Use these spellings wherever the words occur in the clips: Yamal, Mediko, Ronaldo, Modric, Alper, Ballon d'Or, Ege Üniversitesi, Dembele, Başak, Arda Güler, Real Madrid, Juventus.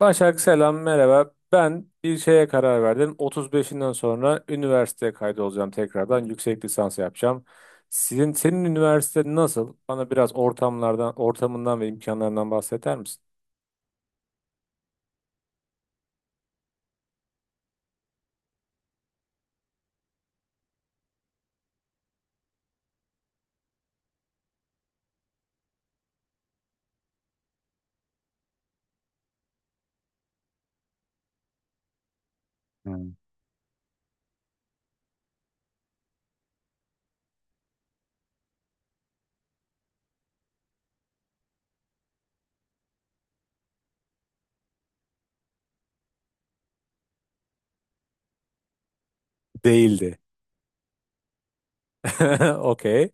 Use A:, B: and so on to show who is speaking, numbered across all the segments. A: Başak selam merhaba. Ben bir şeye karar verdim. 35'inden sonra üniversiteye kaydolacağım tekrardan. Yüksek lisans yapacağım. Senin üniversite nasıl? Bana biraz ortamından ve imkanlarından bahseder misin? Değildi. Okey.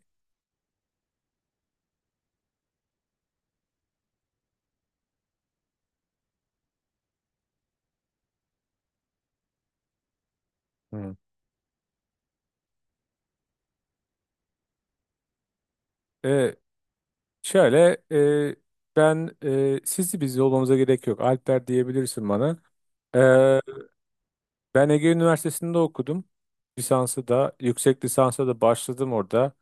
A: Hı. Ee, şöyle e, ben e, Sizi biz olmamıza gerek yok. Alper diyebilirsin bana. Ee, Ben Ege Üniversitesi'nde okudum. Lisansı da, yüksek lisansa da başladım orada.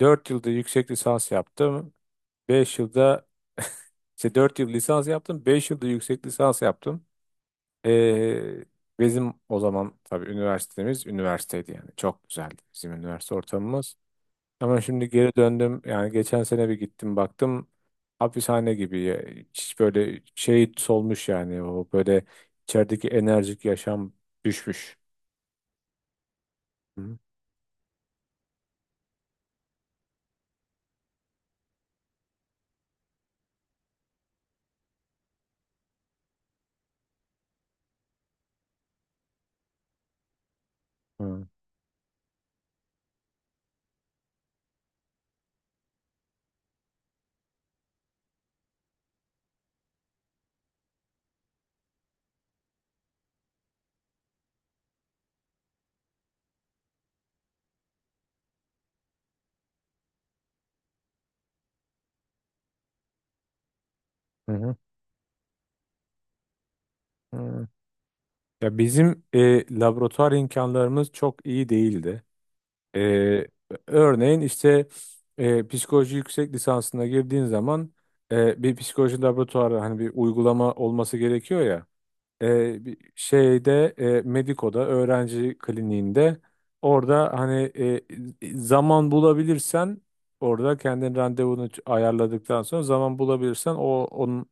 A: Dört yılda yüksek lisans yaptım. Beş yılda işte 4 yıl lisans yaptım. Beş yılda yüksek lisans yaptım. Ee, Bizim o zaman tabii üniversitemiz üniversiteydi yani. Çok güzeldi bizim üniversite ortamımız. Ama şimdi geri döndüm. Yani geçen sene bir gittim baktım. Hapishane gibi, ya. Hiç böyle şey solmuş yani. O böyle içerideki enerjik yaşam düşmüş. Hı hı. Hı hı. Hı. Ya bizim laboratuvar imkanlarımız çok iyi değildi. E, Örneğin işte psikoloji yüksek lisansına girdiğin zaman bir psikoloji laboratuvarı hani bir uygulama olması gerekiyor ya. Bir Mediko'da öğrenci kliniğinde orada hani zaman bulabilirsen orada kendin randevunu ayarladıktan sonra zaman bulabilirsen o onun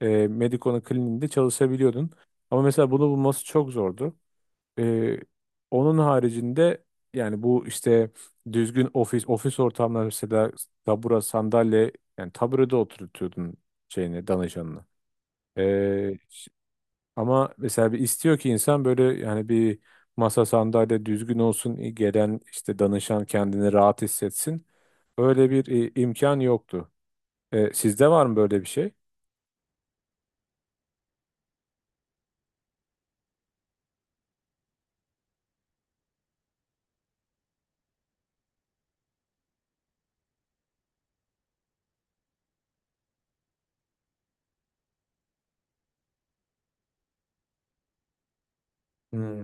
A: e, Mediko'nun kliniğinde çalışabiliyordun. Ama mesela bunu bulması çok zordu. Ee, Onun haricinde yani bu işte düzgün ofis ortamları mesela tabura sandalye, yani taburede oturtuyordun şeyini, danışanını. Ee, ş- Ama mesela bir istiyor ki insan böyle, yani bir masa sandalye düzgün olsun, gelen işte danışan kendini rahat hissetsin. Öyle bir imkan yoktu. Sizde var mı böyle bir şey? Hmm.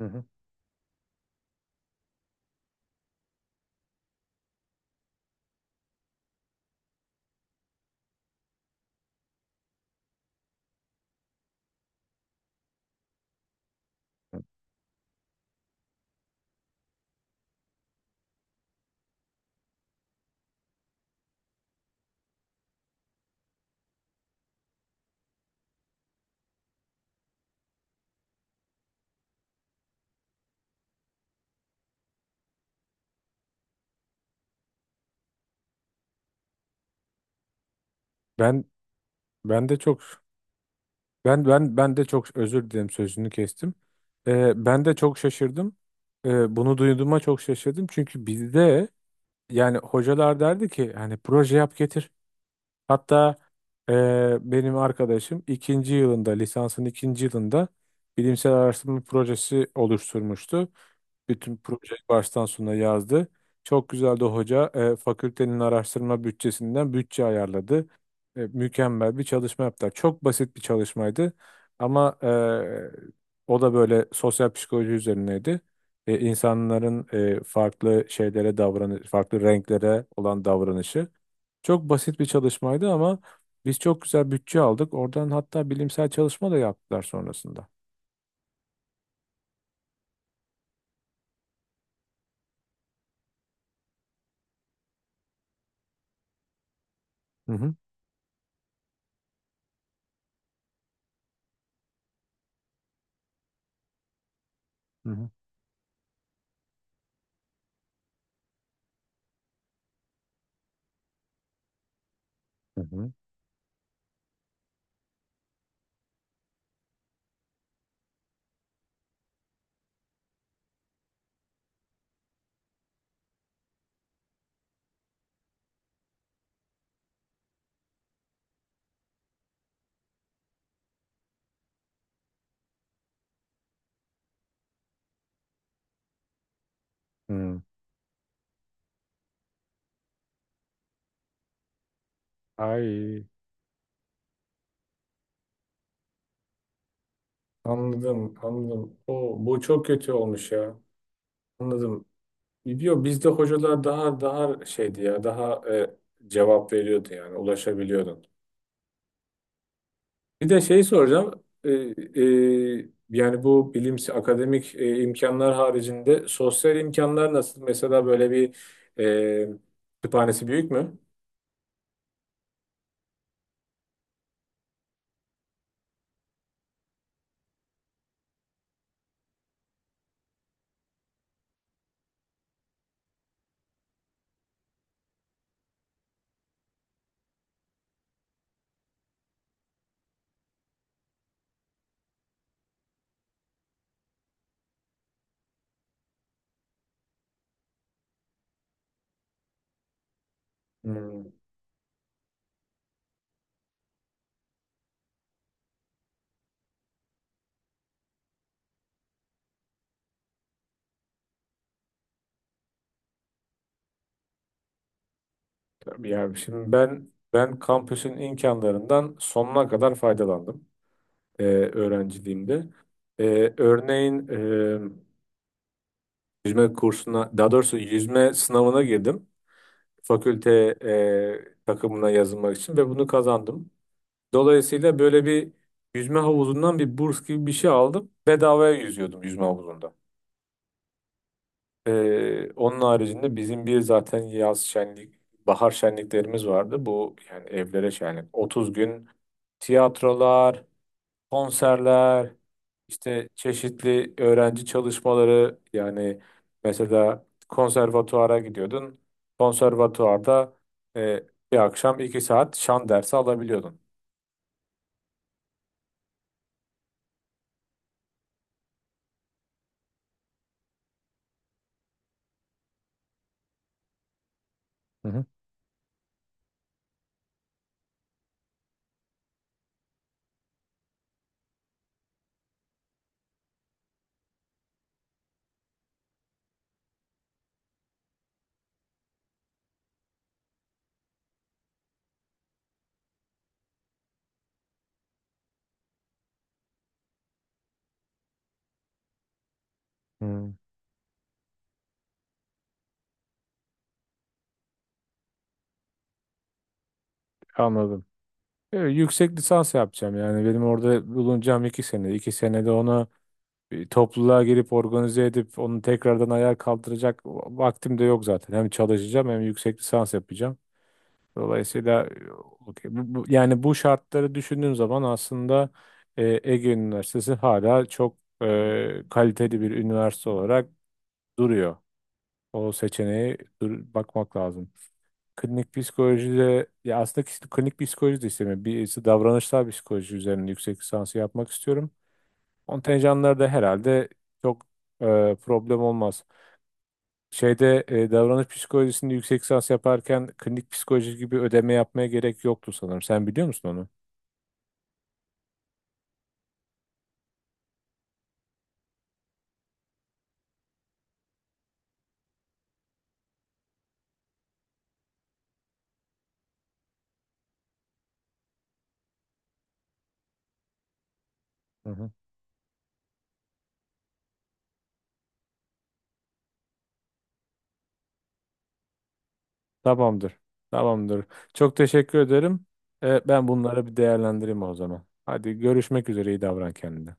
A: Hı hı. Ben ben de çok ben ben ben de çok özür dilerim, sözünü kestim. Ben de çok şaşırdım. Bunu duyduğuma çok şaşırdım çünkü bizde yani hocalar derdi ki hani proje yap getir. Hatta benim arkadaşım ikinci yılında, lisansın ikinci yılında bilimsel araştırma projesi oluşturmuştu. Bütün projeyi baştan sona yazdı. Çok güzeldi hoca. Fakültenin araştırma bütçesinden bütçe ayarladı. Mükemmel bir çalışma yaptılar. Çok basit bir çalışmaydı. Ama o da böyle sosyal psikoloji üzerineydi. İnsanların farklı şeylere davranış, farklı renklere olan davranışı. Çok basit bir çalışmaydı ama biz çok güzel bütçe aldık. Oradan hatta bilimsel çalışma da yaptılar sonrasında. Hı hı. Hı hı. Hı hı. Hı. Ay, anladım, anladım. O bu çok kötü olmuş ya. Anladım. Biliyor, bizde hocalar daha şeydi ya, daha cevap veriyordu, yani ulaşabiliyordun. Bir de şey soracağım. Yani bu bilimsi akademik imkanlar haricinde sosyal imkanlar nasıl? Mesela böyle bir e, kütüphanesi büyük mü? Hmm. Tabii, yani şimdi ben kampüsün imkanlarından sonuna kadar faydalandım öğrenciliğimde. Örneğin yüzme kursuna, daha doğrusu yüzme sınavına girdim. Fakülte takımına yazılmak için, ve bunu kazandım. Dolayısıyla böyle bir yüzme havuzundan bir burs gibi bir şey aldım. Bedavaya yüzüyordum yüzme havuzunda. Onun haricinde bizim bir zaten bahar şenliklerimiz vardı. Bu yani evlere şenlik. 30 gün tiyatrolar, konserler, işte çeşitli öğrenci çalışmaları, yani mesela konservatuara gidiyordun. Konservatuarda e, bir akşam 2 saat şan dersi alabiliyordun. Hı hı. Hmm, anladım. Evet, yüksek lisans yapacağım, yani benim orada bulunacağım 2 sene. 2 senede onu bir topluluğa girip organize edip onu tekrardan ayağa kaldıracak vaktim de yok zaten. Hem çalışacağım hem yüksek lisans yapacağım. Dolayısıyla okey. Yani bu şartları düşündüğüm zaman aslında Ege Üniversitesi hala çok kaliteli bir üniversite olarak duruyor. O seçeneğe bakmak lazım. Klinik psikolojide, ya aslında klinik psikoloji de istemiyorum. Birisi davranışsal psikoloji üzerine yüksek lisansı yapmak istiyorum. Kontenjanlar da herhalde çok problem olmaz. Davranış psikolojisinde yüksek lisans yaparken klinik psikoloji gibi ödeme yapmaya gerek yoktu sanırım. Sen biliyor musun onu? Hı hı. Tamamdır. Tamamdır. Çok teşekkür ederim. Ben bunları bir değerlendireyim o zaman. Hadi, görüşmek üzere. İyi davran kendine.